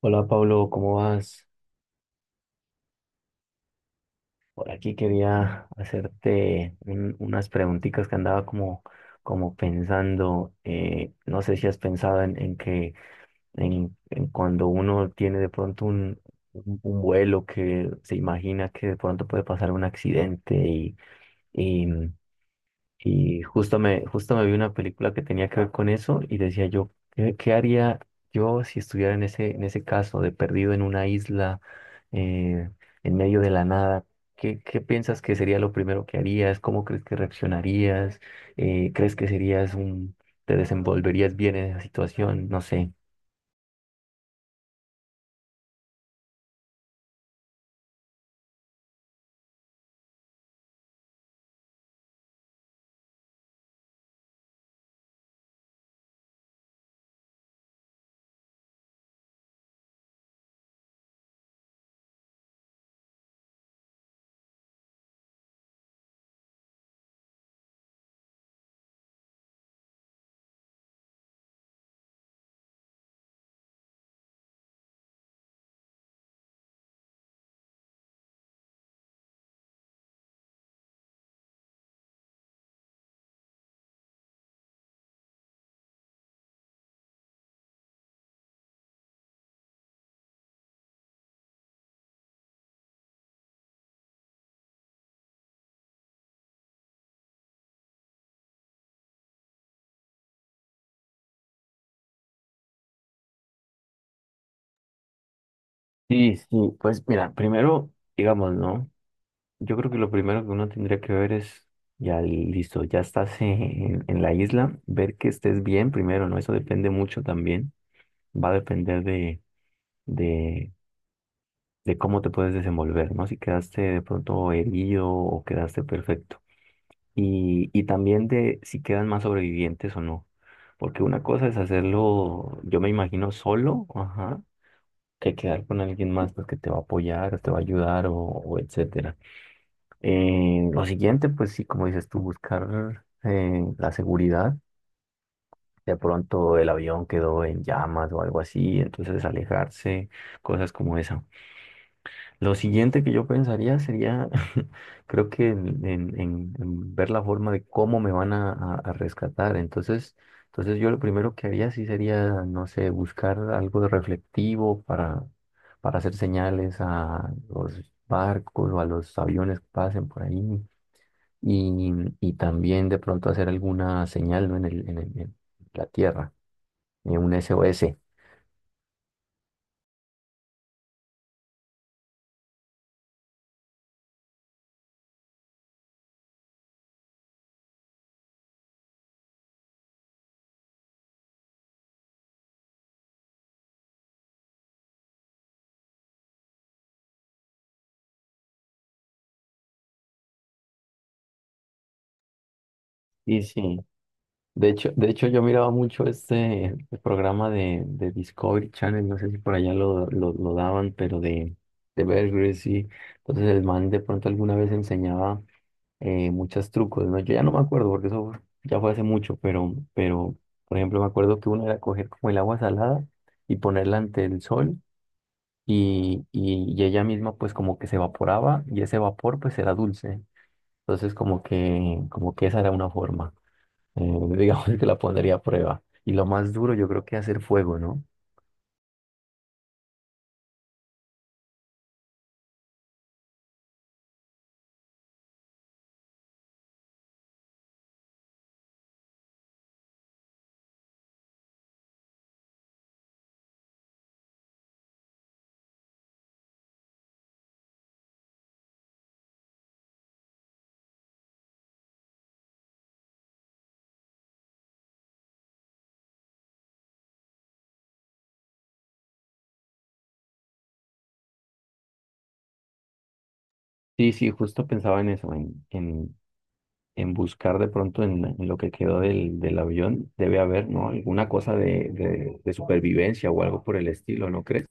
Hola Pablo, ¿cómo vas? Por aquí quería hacerte unas preguntitas que andaba como, como pensando. No sé si has pensado en que en cuando uno tiene de pronto un vuelo que se imagina que de pronto puede pasar un accidente y justo justo me vi una película que tenía que ver con eso y decía yo, ¿qué, qué haría yo si estuviera en en ese caso de perdido en una isla, eh, en medio de la nada? ¿Qué, qué piensas que sería lo primero que harías? ¿Cómo crees que reaccionarías? ¿Crees que serías un, te desenvolverías bien en esa situación? No sé. Sí, sí, pues mira, primero, digamos, ¿no? Yo creo que lo primero que uno tendría que ver es, ya listo, ya estás en la isla, ver que estés bien primero, ¿no? Eso depende mucho también, va a depender de, de cómo te puedes desenvolver, ¿no? Si quedaste de pronto herido o quedaste perfecto. Y también de si quedan más sobrevivientes o no. Porque una cosa es hacerlo, yo me imagino solo, ajá, que quedar con alguien más pues, que te va a apoyar, te va a ayudar o etcétera. Lo siguiente, pues sí, como dices tú, buscar la seguridad. De pronto el avión quedó en llamas o algo así, entonces alejarse, cosas como esa. Lo siguiente que yo pensaría sería, creo que en ver la forma de cómo me van a, a rescatar. Entonces, entonces yo lo primero que haría sí sería, no sé, buscar algo de reflectivo para hacer señales a los barcos o a los aviones que pasen por ahí y, y también de pronto hacer alguna señal, ¿no? en en la Tierra, un SOS. Y sí, de hecho yo miraba mucho este programa de Discovery Channel, no sé si por allá lo daban, pero de Bear Grylls, y entonces el man de pronto alguna vez enseñaba muchos trucos, ¿no? Yo ya no me acuerdo porque eso ya fue hace mucho, pero por ejemplo me acuerdo que uno era coger como el agua salada y ponerla ante el sol y ella misma pues como que se evaporaba y ese vapor pues era dulce. Entonces como que esa era una forma, eh, digamos que la pondría a prueba. Y lo más duro yo creo que hacer fuego, ¿no? Sí, sí, justo pensaba en eso, en buscar de pronto en lo que quedó del avión, debe haber, ¿no? Alguna cosa de supervivencia o algo por el estilo, ¿no crees?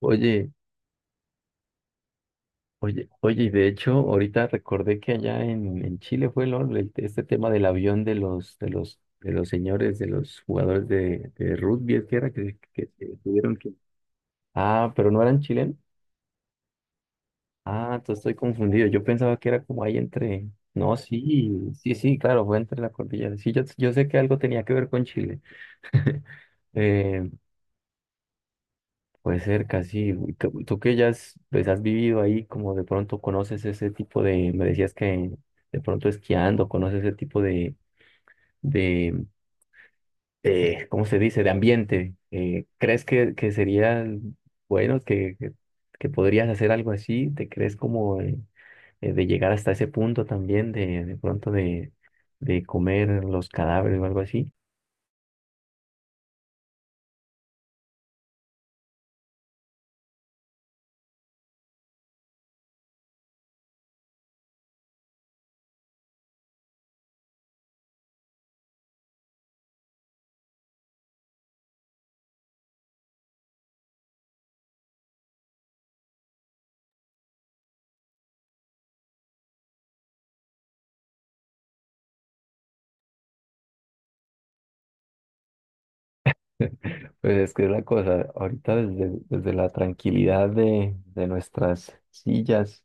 Oye. Oye, y de hecho, ahorita recordé que allá en Chile fue este tema del avión de de los señores, de los jugadores de rugby, es que era que tuvieron que. Ah, pero no eran chilenos. Ah, entonces estoy confundido. Yo pensaba que era como ahí entre. No, sí, sí, sí, claro, fue entre la cordillera. Sí, yo sé que algo tenía que ver con Chile. Eh, Pues cerca, sí. Y tú que ya has, pues, has vivido ahí, como de pronto conoces ese tipo de, me decías que de pronto esquiando, conoces ese tipo de, de, ¿cómo se dice? De ambiente. ¿Crees que sería bueno que podrías hacer algo así? ¿Te crees como de llegar hasta ese punto también de pronto de comer los cadáveres o algo así? Pues es que es la cosa, ahorita desde la tranquilidad de nuestras sillas,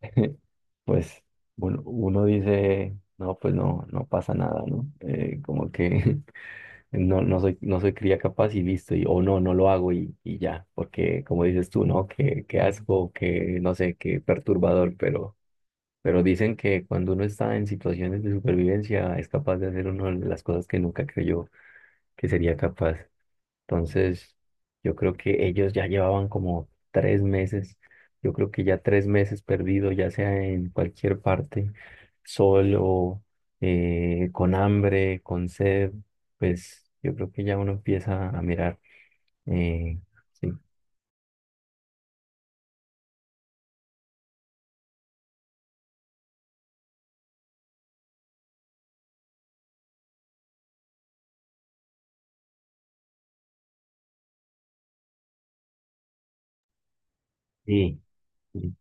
pues uno, uno dice, no, pues no, no pasa nada, ¿no? Como que no, no soy cría capaz y listo, y, o no, no lo hago y ya, porque como dices tú, ¿no? Qué qué asco, que no sé, qué perturbador, pero dicen que cuando uno está en situaciones de supervivencia es capaz de hacer una de las cosas que nunca creyó que sería capaz. Entonces, yo creo que ellos ya llevaban como tres meses, yo creo que ya tres meses perdido, ya sea en cualquier parte, solo, con hambre, con sed, pues yo creo que ya uno empieza a mirar. eh, sí. Sí.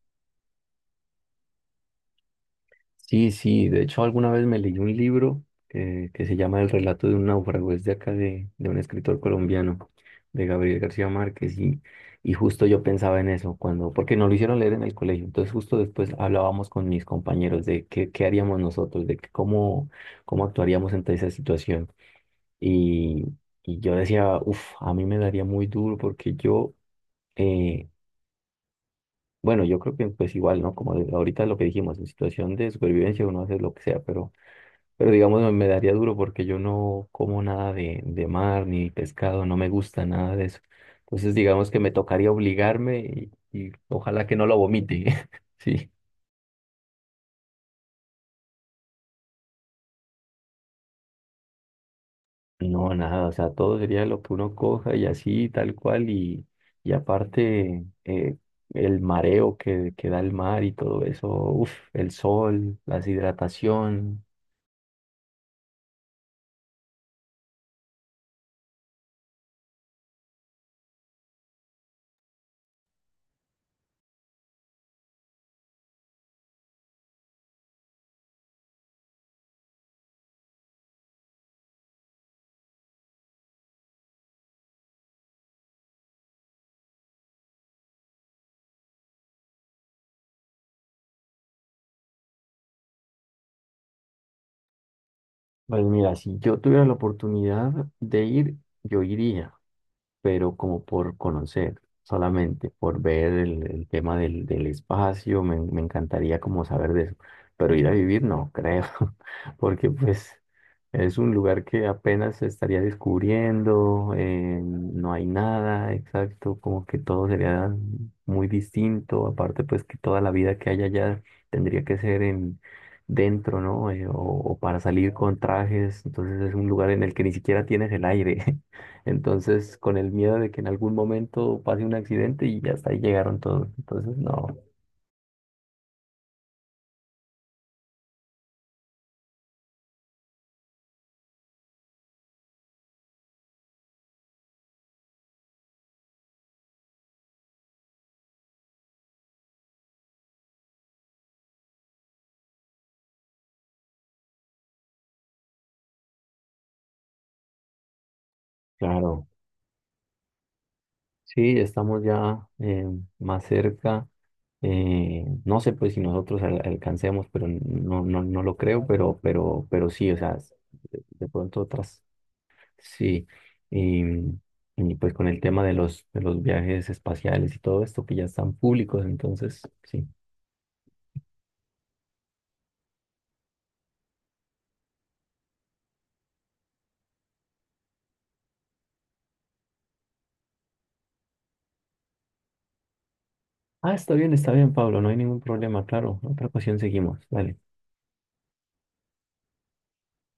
Sí, sí, de hecho alguna vez me leí un libro que se llama El relato de un náufrago, es de acá de un escritor colombiano, de Gabriel García Márquez, y justo yo pensaba en eso, cuando, porque nos lo hicieron leer en el colegio, entonces justo después hablábamos con mis compañeros de qué, qué haríamos nosotros, de que cómo, cómo actuaríamos ante esa situación. Y, y yo decía, uff, a mí me daría muy duro porque yo... eh, bueno, yo creo que pues igual, ¿no? Como ahorita lo que dijimos, en situación de supervivencia uno hace lo que sea, pero digamos, me daría duro porque yo no como nada de mar ni pescado, no me gusta nada de eso. Entonces, digamos que me tocaría obligarme y ojalá que no lo vomite. Sí. No, nada, o sea, todo sería lo que uno coja y así, tal cual. Y aparte, el mareo que da el mar y todo eso, uf, el sol, la deshidratación. Pues mira, si yo tuviera la oportunidad de ir, yo iría. Pero como por conocer, solamente por ver el tema del espacio, me encantaría como saber de eso, pero ir a vivir no creo, porque pues es un lugar que apenas se estaría descubriendo, no hay nada exacto, como que todo sería muy distinto, aparte pues que toda la vida que hay allá tendría que ser en... dentro, ¿no? O para salir con trajes, entonces es un lugar en el que ni siquiera tienes el aire. Entonces, con el miedo de que en algún momento pase un accidente y ya hasta ahí llegaron todos. Entonces, no. Claro, sí, estamos ya más cerca. No sé pues si nosotros alcancemos, pero no, no, no lo creo, pero, pero sí, o sea, de pronto otras, sí. Y, y pues con el tema de de los viajes espaciales y todo esto que ya están públicos, entonces sí. Ah, está bien, Pablo, no hay ningún problema, claro. Otra ocasión seguimos, dale.